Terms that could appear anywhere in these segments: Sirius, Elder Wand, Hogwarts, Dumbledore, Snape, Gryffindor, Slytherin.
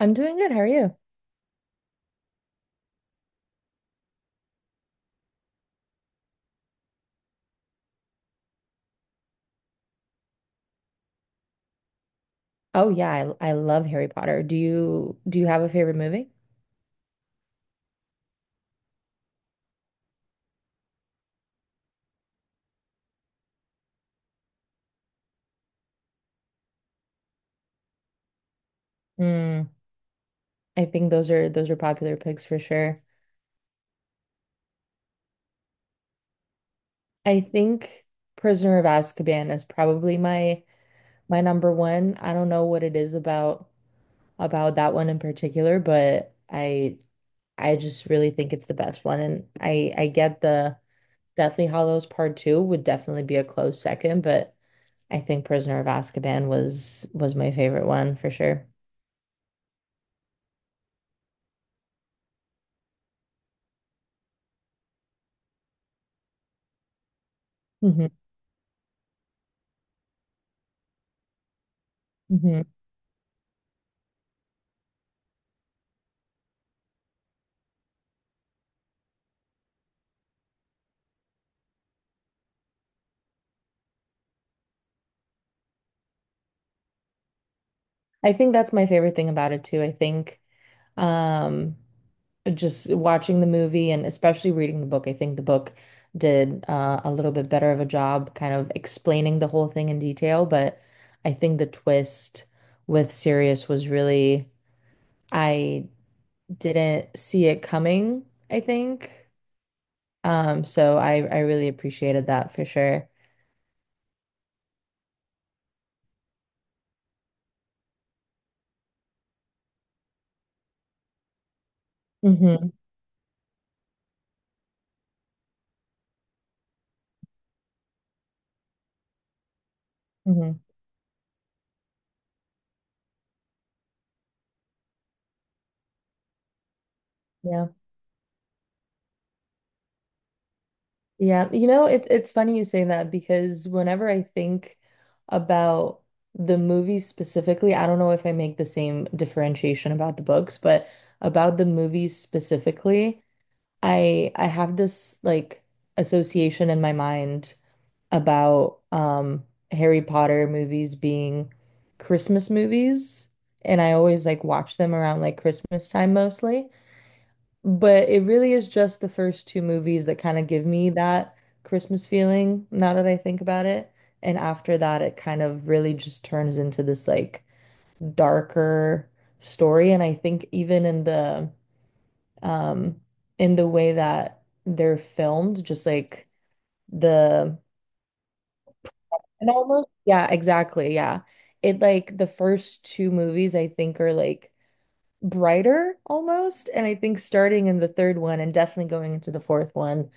I'm doing good. How are you? Oh yeah, I love Harry Potter. Do you have a favorite movie? Mm, I think those are popular picks for sure. I think Prisoner of Azkaban is probably my number one. I don't know what it is about that one in particular, but I just really think it's the best one. And I get the Deathly Hallows Part Two would definitely be a close second, but I think Prisoner of Azkaban was my favorite one for sure. hmm I think that's my favorite thing about it too. I think um, just watching the movie and especially reading the book, I think the book did a little bit better of a job kind of explaining the whole thing in detail. But I think the twist with Sirius was really, I didn't see it coming, I think. So I really appreciated that for sure. hmm hmm Yeah. Yeah, you know, it's funny you say that because whenever I think about the movies specifically, I don't know if I make the same differentiation about the books, but about the movies specifically, I have this like association in my mind about Harry Potter movies being Christmas movies, and I always like watch them around like Christmas time mostly. But it really is just the first two movies that kind of give me that Christmas feeling now that I think about it. And after that, it kind of really just turns into this like darker story. And I think even um in the way that they're filmed, just like the and almost yeah, exactly. Yeah. It like the first two movies I think are like brighter almost. And I think starting in the third one and definitely going into the fourth one,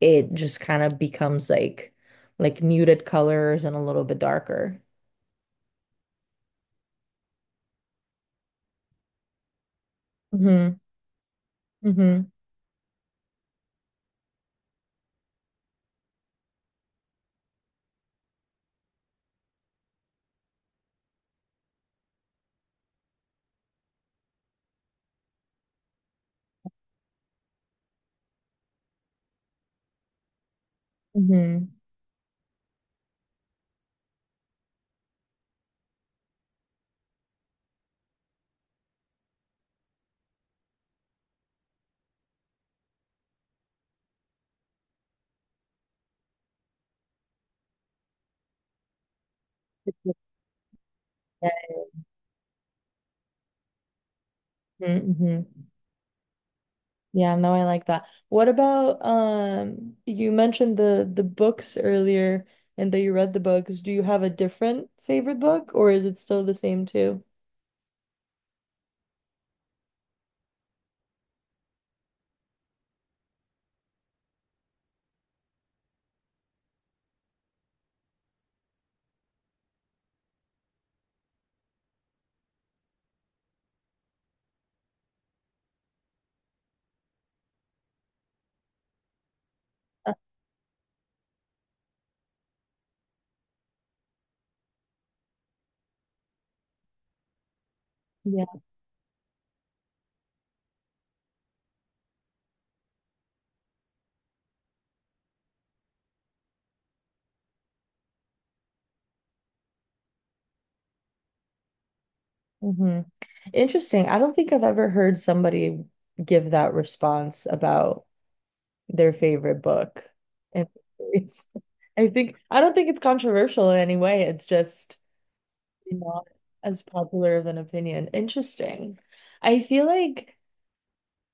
it just kind of becomes like muted colors and a little bit darker. Hmm hmm hmm Yeah. hmm Yeah, no, I like that. What about you mentioned the books earlier and that you read the books. Do you have a different favorite book or is it still the same too? Uh, Yeah. Interesting. I don't think I've ever heard somebody give that response about their favorite book. And it's, I think, I don't think it's controversial in any way. It's just not as popular of an opinion. Interesting. I feel like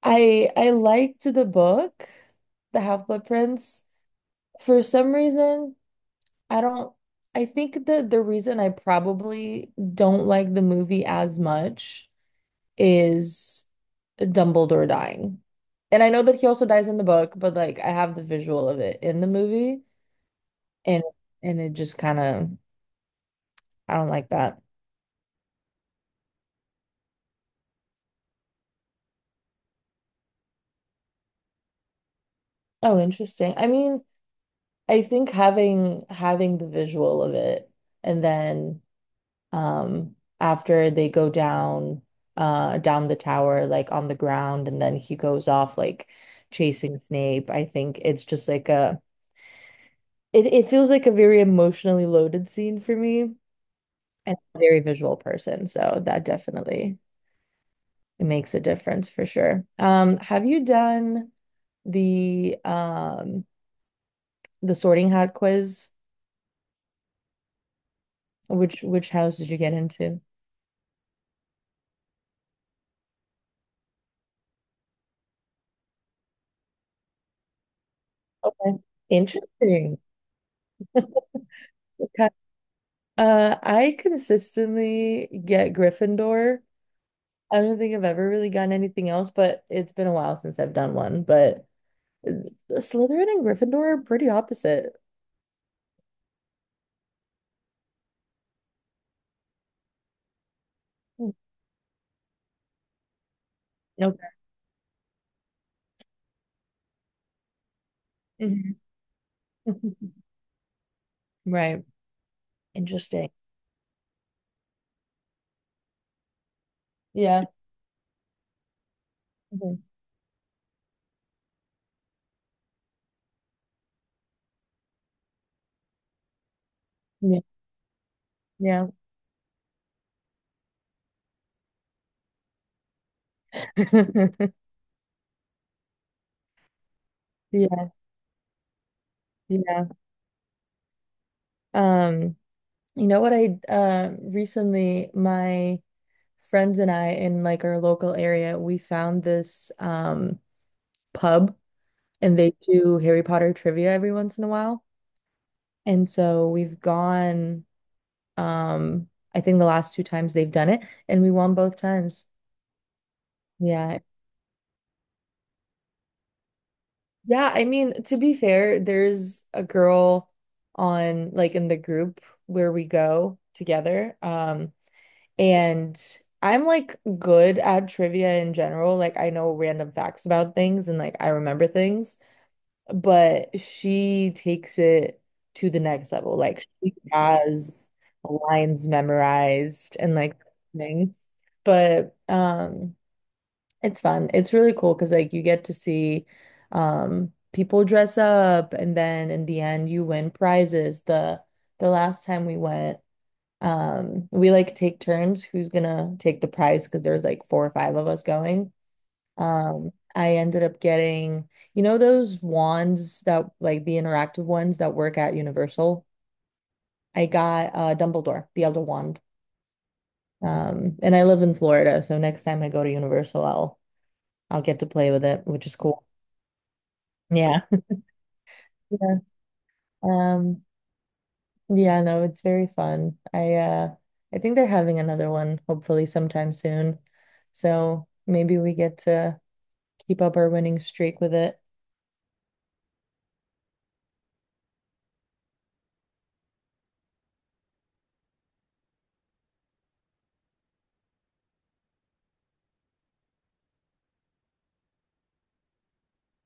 I liked the book, The Half-Blood Prince. For some reason, I don't, I think that the reason I probably don't like the movie as much is Dumbledore dying. And I know that he also dies in the book, but like I have the visual of it in the movie and and it just kind of I don't like that. Oh, interesting. I mean, I think having the visual of it and then um after they go down down the tower like on the ground and then he goes off like chasing Snape. I think it's just like a it, it feels like a very emotionally loaded scene for me. And I'm a very visual person, so that definitely makes a difference for sure. Have you done the um the Sorting Hat quiz? Which house did you get into? Okay. Interesting. Okay. I consistently get Gryffindor. I don't think I've ever really gotten anything else, but it's been a while since I've done one. But uh, Slytherin and Gryffindor are pretty opposite. Mm. Okay. Right. Interesting. Yeah. Mhm. Yeah. Yeah. Yeah. Yeah. Um, you know what I recently my friends and I in like our local area, we found this pub and they do Harry Potter trivia every once in a while. And so we've gone um I think the last two times they've done it and we won both times. Yeah. Yeah, I mean, to be fair, there's a girl on like in the group where we go together. And I'm like good at trivia in general. Like I know random facts about things and like I remember things, but she takes it to the next level. Like she has lines memorized and like things. But it's fun. It's really cool because like you get to see people dress up and then in the end you win prizes. The last time we went, we like take turns who's gonna take the prize because there was like four or five of us going. Um, I ended up getting, you know, those wands that like the interactive ones that work at Universal. I got Dumbledore, the Elder Wand. Um, and I live in Florida, so next time I go to Universal, I'll get to play with it, which is cool. Yeah. Yeah. Um, yeah, no, it's very fun. I I think they're having another one hopefully sometime soon. So maybe we get to keep up our winning streak with it.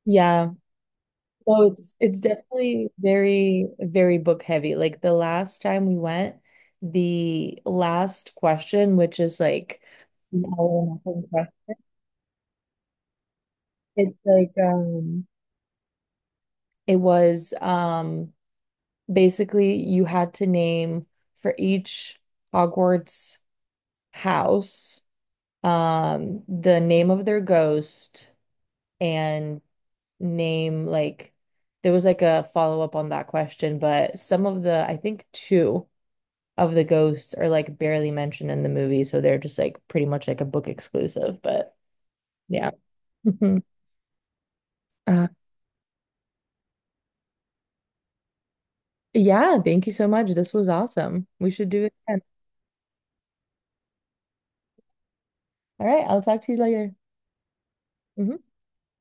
Yeah. So it's definitely very, very book heavy. Like the last time we went, the last question, which is like an all or nothing question, it's like it was basically you had to name for each Hogwarts house, the name of their ghost, and name like there was like a follow-up on that question, but some of the I think two of the ghosts are like barely mentioned in the movie, so they're just like pretty much like a book exclusive, but yeah. Uh, yeah, thank you so much. This was awesome. We should do it again. All right, I'll talk to you later. Mhm.